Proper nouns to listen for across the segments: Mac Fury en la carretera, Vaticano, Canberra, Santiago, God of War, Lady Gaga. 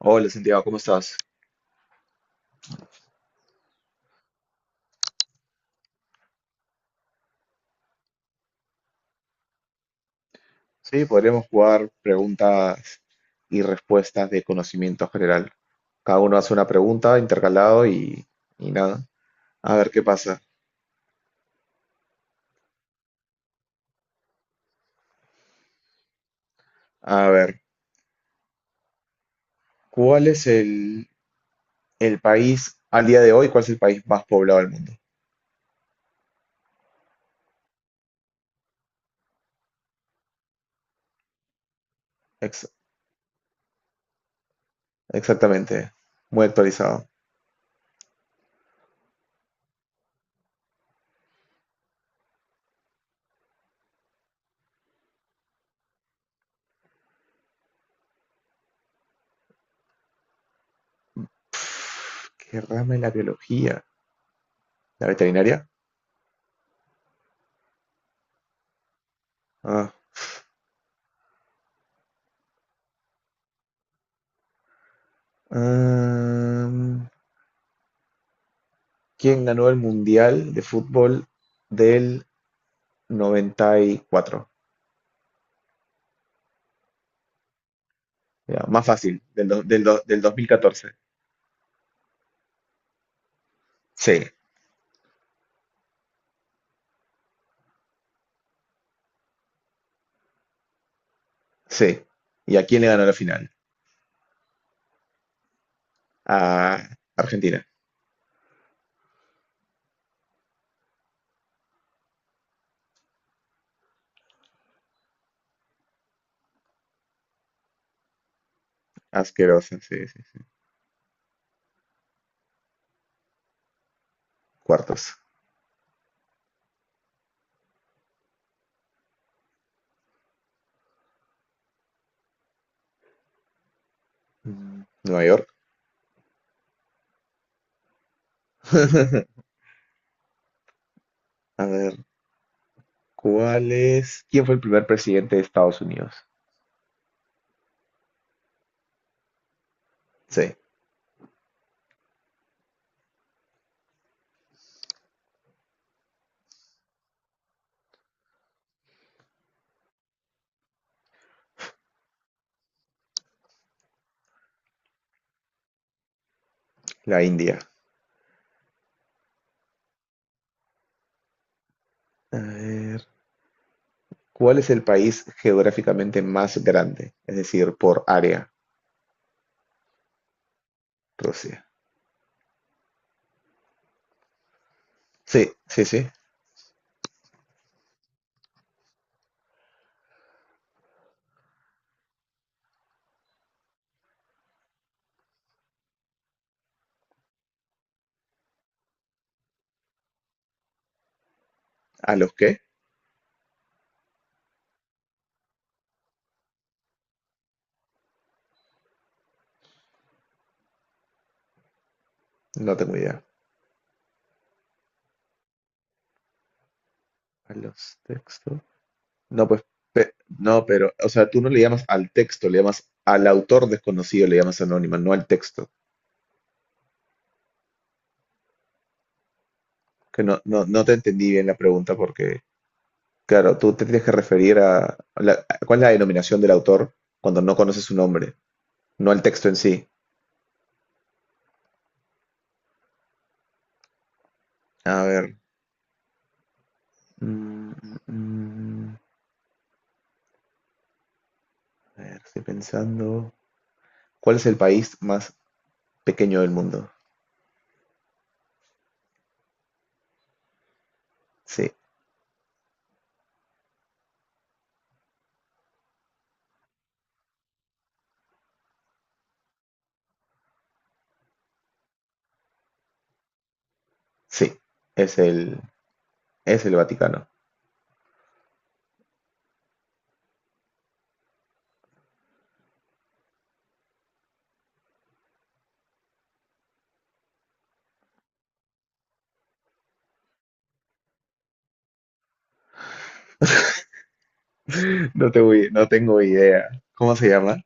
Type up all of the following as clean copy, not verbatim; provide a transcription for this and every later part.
Hola Santiago, ¿cómo estás? Sí, podríamos jugar preguntas y respuestas de conocimiento general. Cada uno hace una pregunta intercalado y nada. A ver qué pasa. A ver, ¿cuál es el país al día de hoy? ¿Cuál es el país más poblado del mundo? Ex- exactamente. Muy actualizado. ¿Qué rama de la biología? ¿La veterinaria? Ah, mm, ¿quién ganó el Mundial de Fútbol del 94? Ya, más fácil, del 2014. Sí, sí. ¿Y a quién le ganó la final? A Argentina. Asquerosa, sí, sí. Cuartos. Nueva York. A ver, ¿cuál es? ¿Quién fue el primer presidente de Estados Unidos? Sí, la India. A ver, ¿cuál es el país geográficamente más grande? Es decir, por área, Rusia. Sí, sí, sí. ¿A los qué? No tengo idea. ¿A los textos? No, pues. No, pero, o sea, tú no le llamas al texto, le llamas al autor desconocido, le llamas anónima, no al texto. Que no te entendí bien la pregunta porque, claro, tú te tienes que referir a, cuál es la denominación del autor cuando no conoces su nombre, no al texto en sí. A ver. mm, mm, mm, a ver, estoy pensando. ¿Cuál es el país más pequeño del mundo? Sí, sí, es el, es el, Vaticano. No tengo idea. ¿Cómo se llama?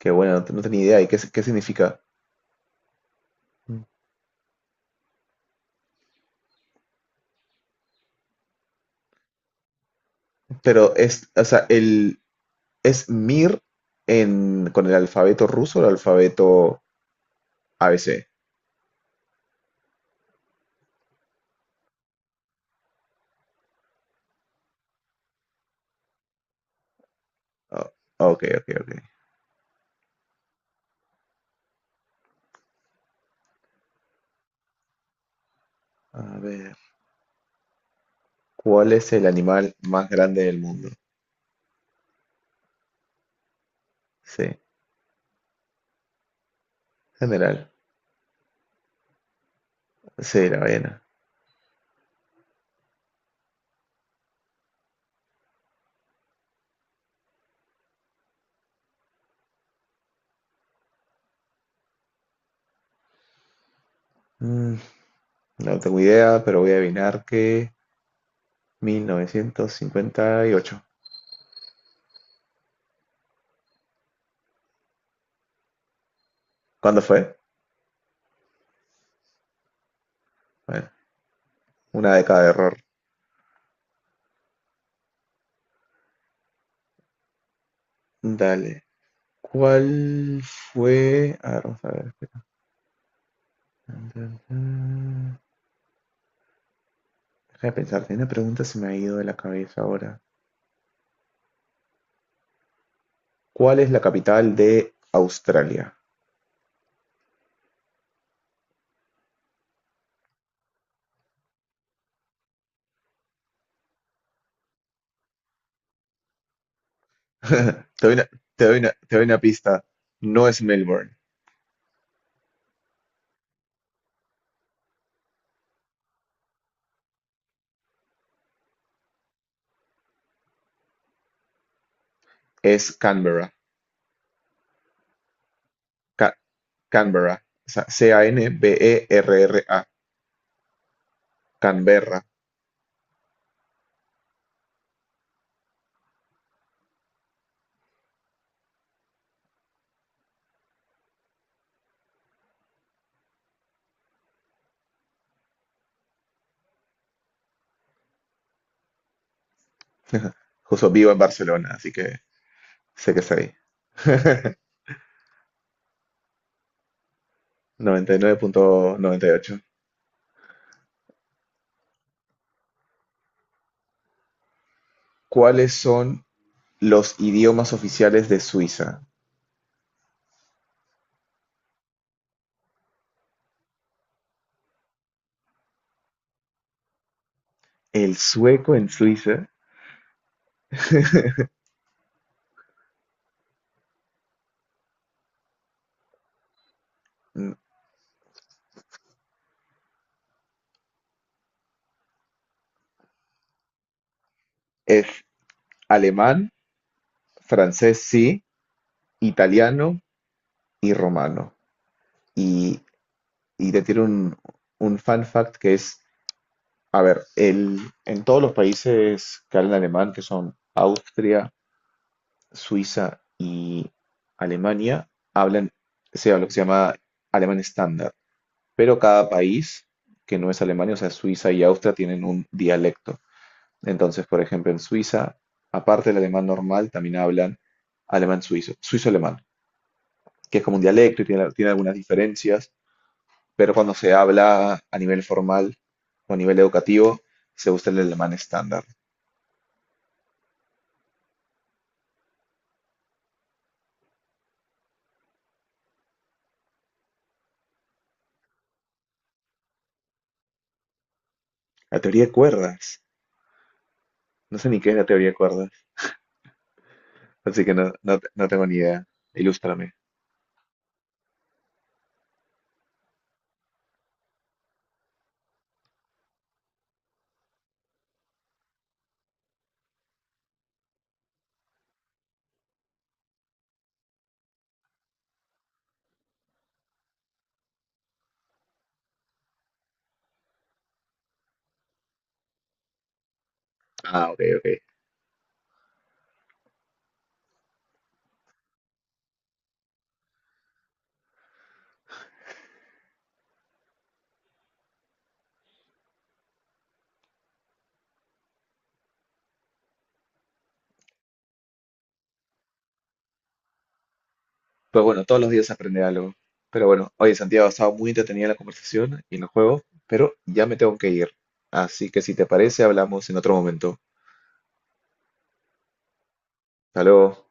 Qué bueno, no tenía idea. ¿Y qué significa? Pero es, o sea, es Mir con el alfabeto ruso o el alfabeto ABC. Ah, ok, ok, ok. A ver, ¿cuál es el animal más grande del mundo? Sí, general. Sí, la ballena. Mm, no tengo idea, pero voy a adivinar que 1958. ¿Cuándo fue? Bueno, una década de error. Dale. ¿Cuál fue? A ver, vamos a ver. Deja de pensar, tenía una pregunta se me ha ido de la cabeza ahora. ¿Cuál es la capital de Australia? Te doy una, te doy una- te doy una pista. No es Melbourne, es Canberra. Ca- Canberra. O sea, Canberra. Canberra. Justo vivo en Barcelona, así que sé que es ahí. 99.98. ¿Cuáles son los idiomas oficiales de Suiza? El sueco en Suiza. Mm, es alemán, francés sí, italiano y romano. Y, y te tiene un fun fact que es, a ver, en todos los países que hablan alemán, que son Austria, Suiza y Alemania, hablan, se habla lo que se llama alemán estándar. Pero cada país que no es Alemania, o sea, Suiza y Austria, tienen un dialecto. Entonces, por ejemplo, en Suiza, aparte del alemán normal, también hablan alemán suizo, suizo-alemán. Que es como un dialecto y tiene algunas diferencias, pero cuando se habla a nivel formal o a nivel educativo, se usa el alemán estándar. La teoría de cuerdas. No sé ni qué es la teoría de cuerdas, así que no tengo ni idea. Ilústrame. Ah, ok, ok. Pues bueno, todos los días se aprende algo. Pero bueno, oye, Santiago, ha estado muy entretenida la conversación y el juego, pero ya me tengo que ir. Así que si te parece, hablamos en otro momento. Hasta luego.